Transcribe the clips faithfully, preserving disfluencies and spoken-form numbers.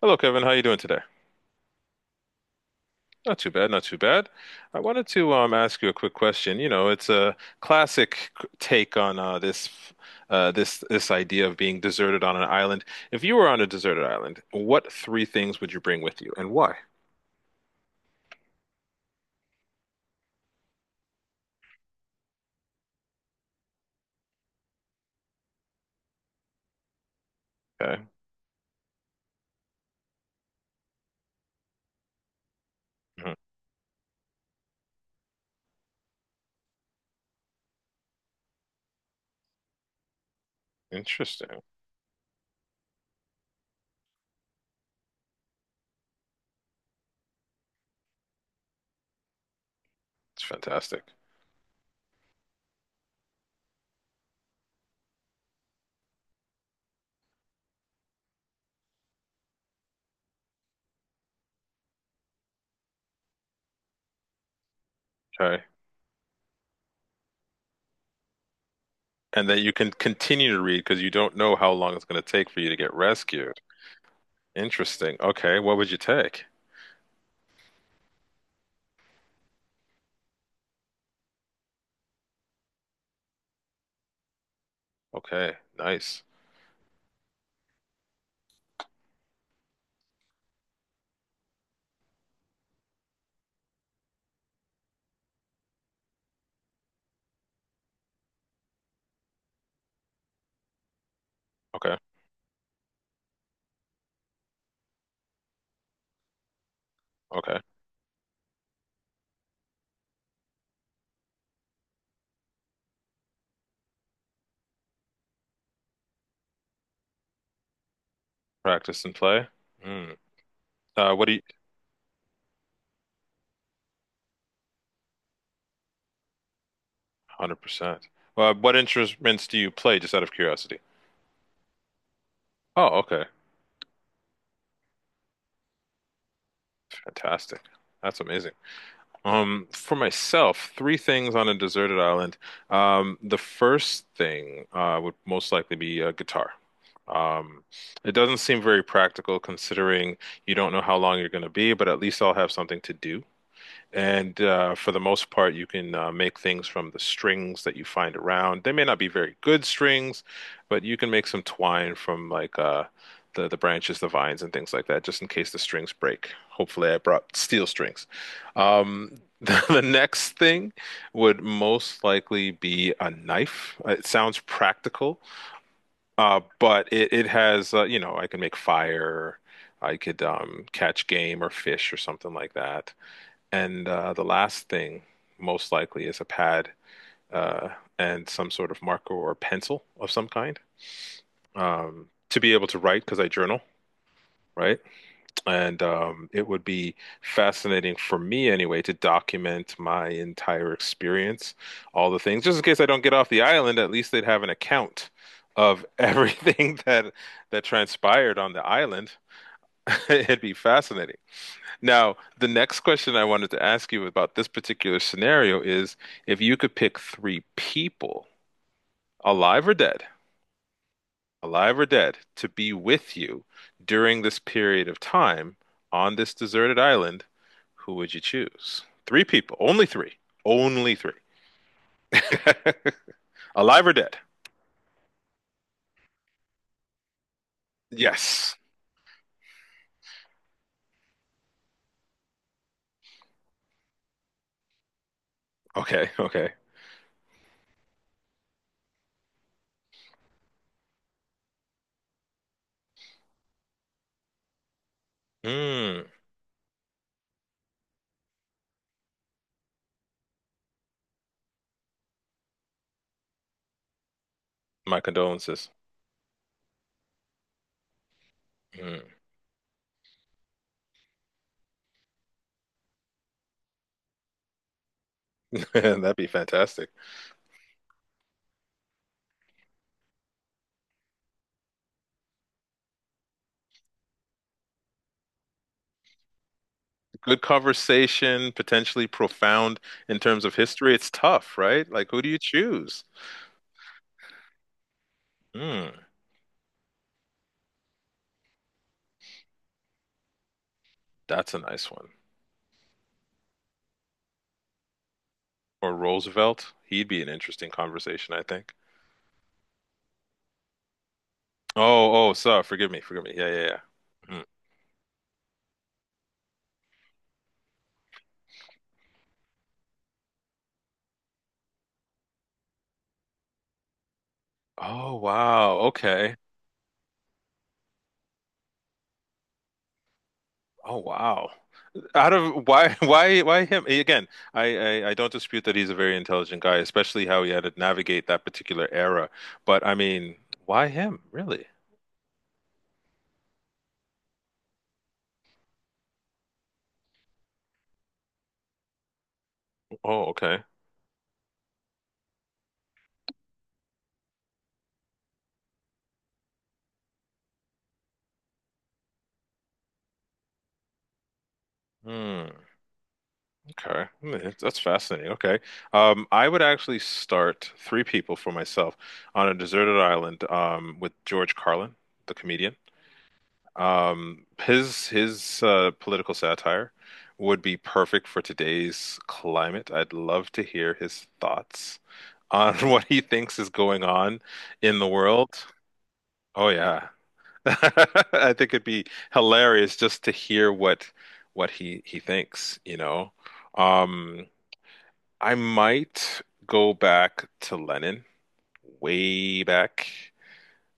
Hello, Kevin. How you doing today? Not too bad, not too bad. I wanted to um, ask you a quick question. You know, it's a classic c- take on uh, this uh, this this idea of being deserted on an island. If you were on a deserted island, what three things would you bring with you, and why? Okay. Mhm. Interesting. It's fantastic. Okay, and that you can continue to read because you don't know how long it's going to take for you to get rescued. Interesting. Okay, what would you take? Okay, nice. Okay. Okay. Practice and play. Mm. Uh, what do you? one hundred percent. Uh, what instruments do you play, just out of curiosity? Oh, okay. Fantastic. That's amazing. Um, for myself, three things on a deserted island. Um, the first thing uh, would most likely be a guitar. Um, it doesn't seem very practical considering you don't know how long you're going to be, but at least I'll have something to do. And uh, for the most part, you can uh, make things from the strings that you find around. They may not be very good strings, but you can make some twine from like uh, the the branches, the vines, and things like that, just in case the strings break. Hopefully, I brought steel strings. Um, the, the next thing would most likely be a knife. Uh, It sounds practical, uh, but it it has uh, you know, I can make fire. I could um, catch game or fish or something like that. And uh, the last thing, most likely, is a pad uh, and some sort of marker or pencil of some kind, um, to be able to write because I journal, right? And um, it would be fascinating for me anyway to document my entire experience, all the things, just in case I don't get off the island. At least they'd have an account of everything that that transpired on the island. It'd be fascinating. Now, the next question I wanted to ask you about this particular scenario is if you could pick three people, alive or dead, alive or dead, to be with you during this period of time on this deserted island, who would you choose? Three people, only three, only three. Alive or dead? Yes. Okay, okay. Mm, my condolences. Mm. That'd be fantastic. Good conversation, potentially profound in terms of history. It's tough, right? Like, who do you choose? Hmm, that's a nice one. Or Roosevelt. He'd be an interesting conversation, I think. Oh, oh, sorry. Forgive me. Forgive me. Yeah, yeah, yeah. Hmm. Oh, wow. Okay. Oh, wow. Out of why, why, why him? Again, I, I, I don't dispute that he's a very intelligent guy, especially how he had to navigate that particular era. But I mean, why him, really? Oh, okay. Hmm. Okay. Hmm, that's fascinating. Okay, um, I would actually start three people for myself on a deserted island um, with George Carlin, the comedian. Um, his his uh, political satire would be perfect for today's climate. I'd love to hear his thoughts on what he thinks is going on in the world. Oh yeah, I think it'd be hilarious just to hear what what he he thinks, you know. Um, I might go back to Lennon, way back.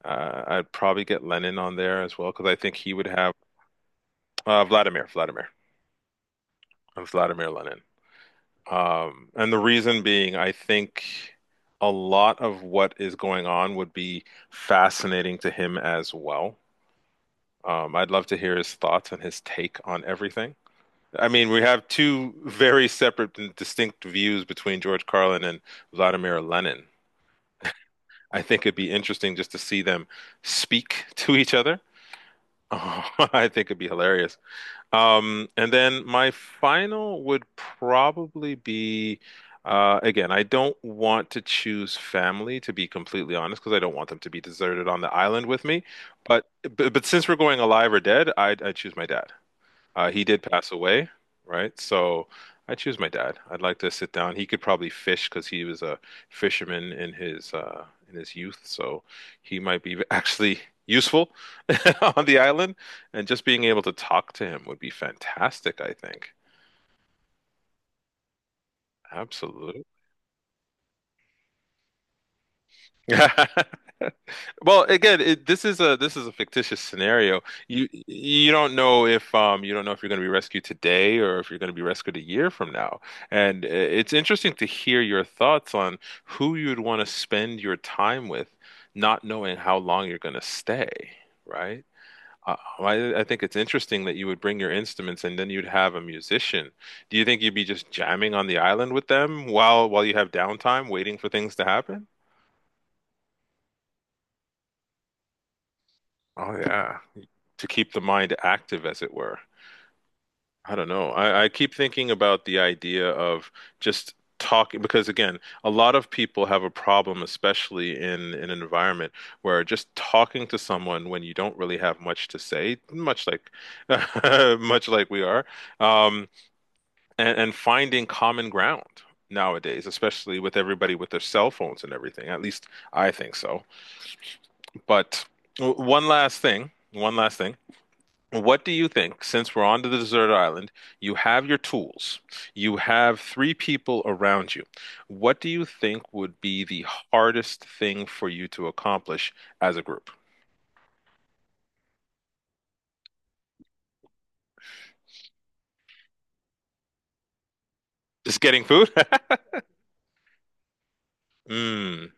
Uh, I'd probably get Lennon on there as well because I think he would have uh, Vladimir, Vladimir, Vladimir Lenin. Um, and the reason being, I think a lot of what is going on would be fascinating to him as well. Um, I'd love to hear his thoughts and his take on everything. I mean, we have two very separate and distinct views between George Carlin and Vladimir Lenin. I think it'd be interesting just to see them speak to each other. Oh, I think it'd be hilarious. Um, and then my final would probably be uh, again, I don't want to choose family to be completely honest because I don't want them to be deserted on the island with me. But but, but since we're going alive or dead, I I choose my dad. Uh, he did pass away, right? So I choose my dad. I'd like to sit down. He could probably fish because he was a fisherman in his uh, in his youth, so he might be actually useful on the island. And just being able to talk to him would be fantastic, I think. Absolutely. Well, again, it, this is a this is a fictitious scenario. You you don't know if um you don't know if you're going to be rescued today or if you're going to be rescued a year from now. And uh, it's interesting to hear your thoughts on who you'd want to spend your time with, not knowing how long you're going to stay, right? Uh, I, I think it's interesting that you would bring your instruments and then you'd have a musician. Do you think you'd be just jamming on the island with them while while you have downtime, waiting for things to happen? Oh yeah. To keep the mind active, as it were. I don't know. I, I keep thinking about the idea of just talking because again, a lot of people have a problem, especially in, in an environment where just talking to someone when you don't really have much to say, much like much like we are, um, and, and finding common ground nowadays, especially with everybody with their cell phones and everything. At least I think so. But one last thing, one last thing. What do you think, since we're on to the desert island, you have your tools, you have three people around you. What do you think would be the hardest thing for you to accomplish as a group? Just getting food? Mm,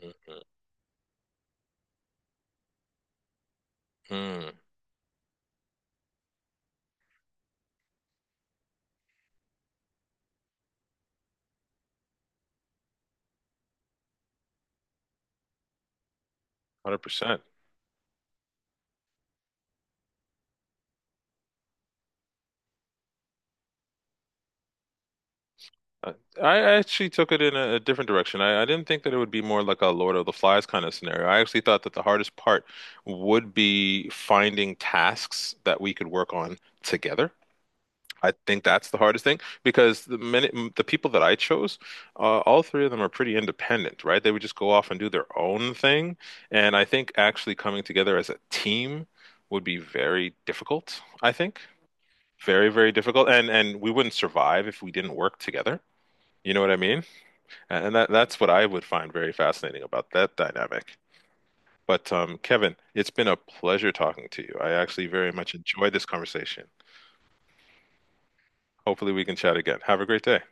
mm, mm, one hundred percent. Uh, I I actually took it in a, a different direction. I, I didn't think that it would be more like a Lord of the Flies kind of scenario. I actually thought that the hardest part would be finding tasks that we could work on together. I think that's the hardest thing because the minute the people that I chose, uh, all three of them are pretty independent, right? They would just go off and do their own thing. And I think actually coming together as a team would be very difficult, I think. Very, very difficult. And and we wouldn't survive if we didn't work together. You know what I mean? And that that's what I would find very fascinating about that dynamic. But um, Kevin, it's been a pleasure talking to you. I actually very much enjoyed this conversation. Hopefully we can chat again. Have a great day.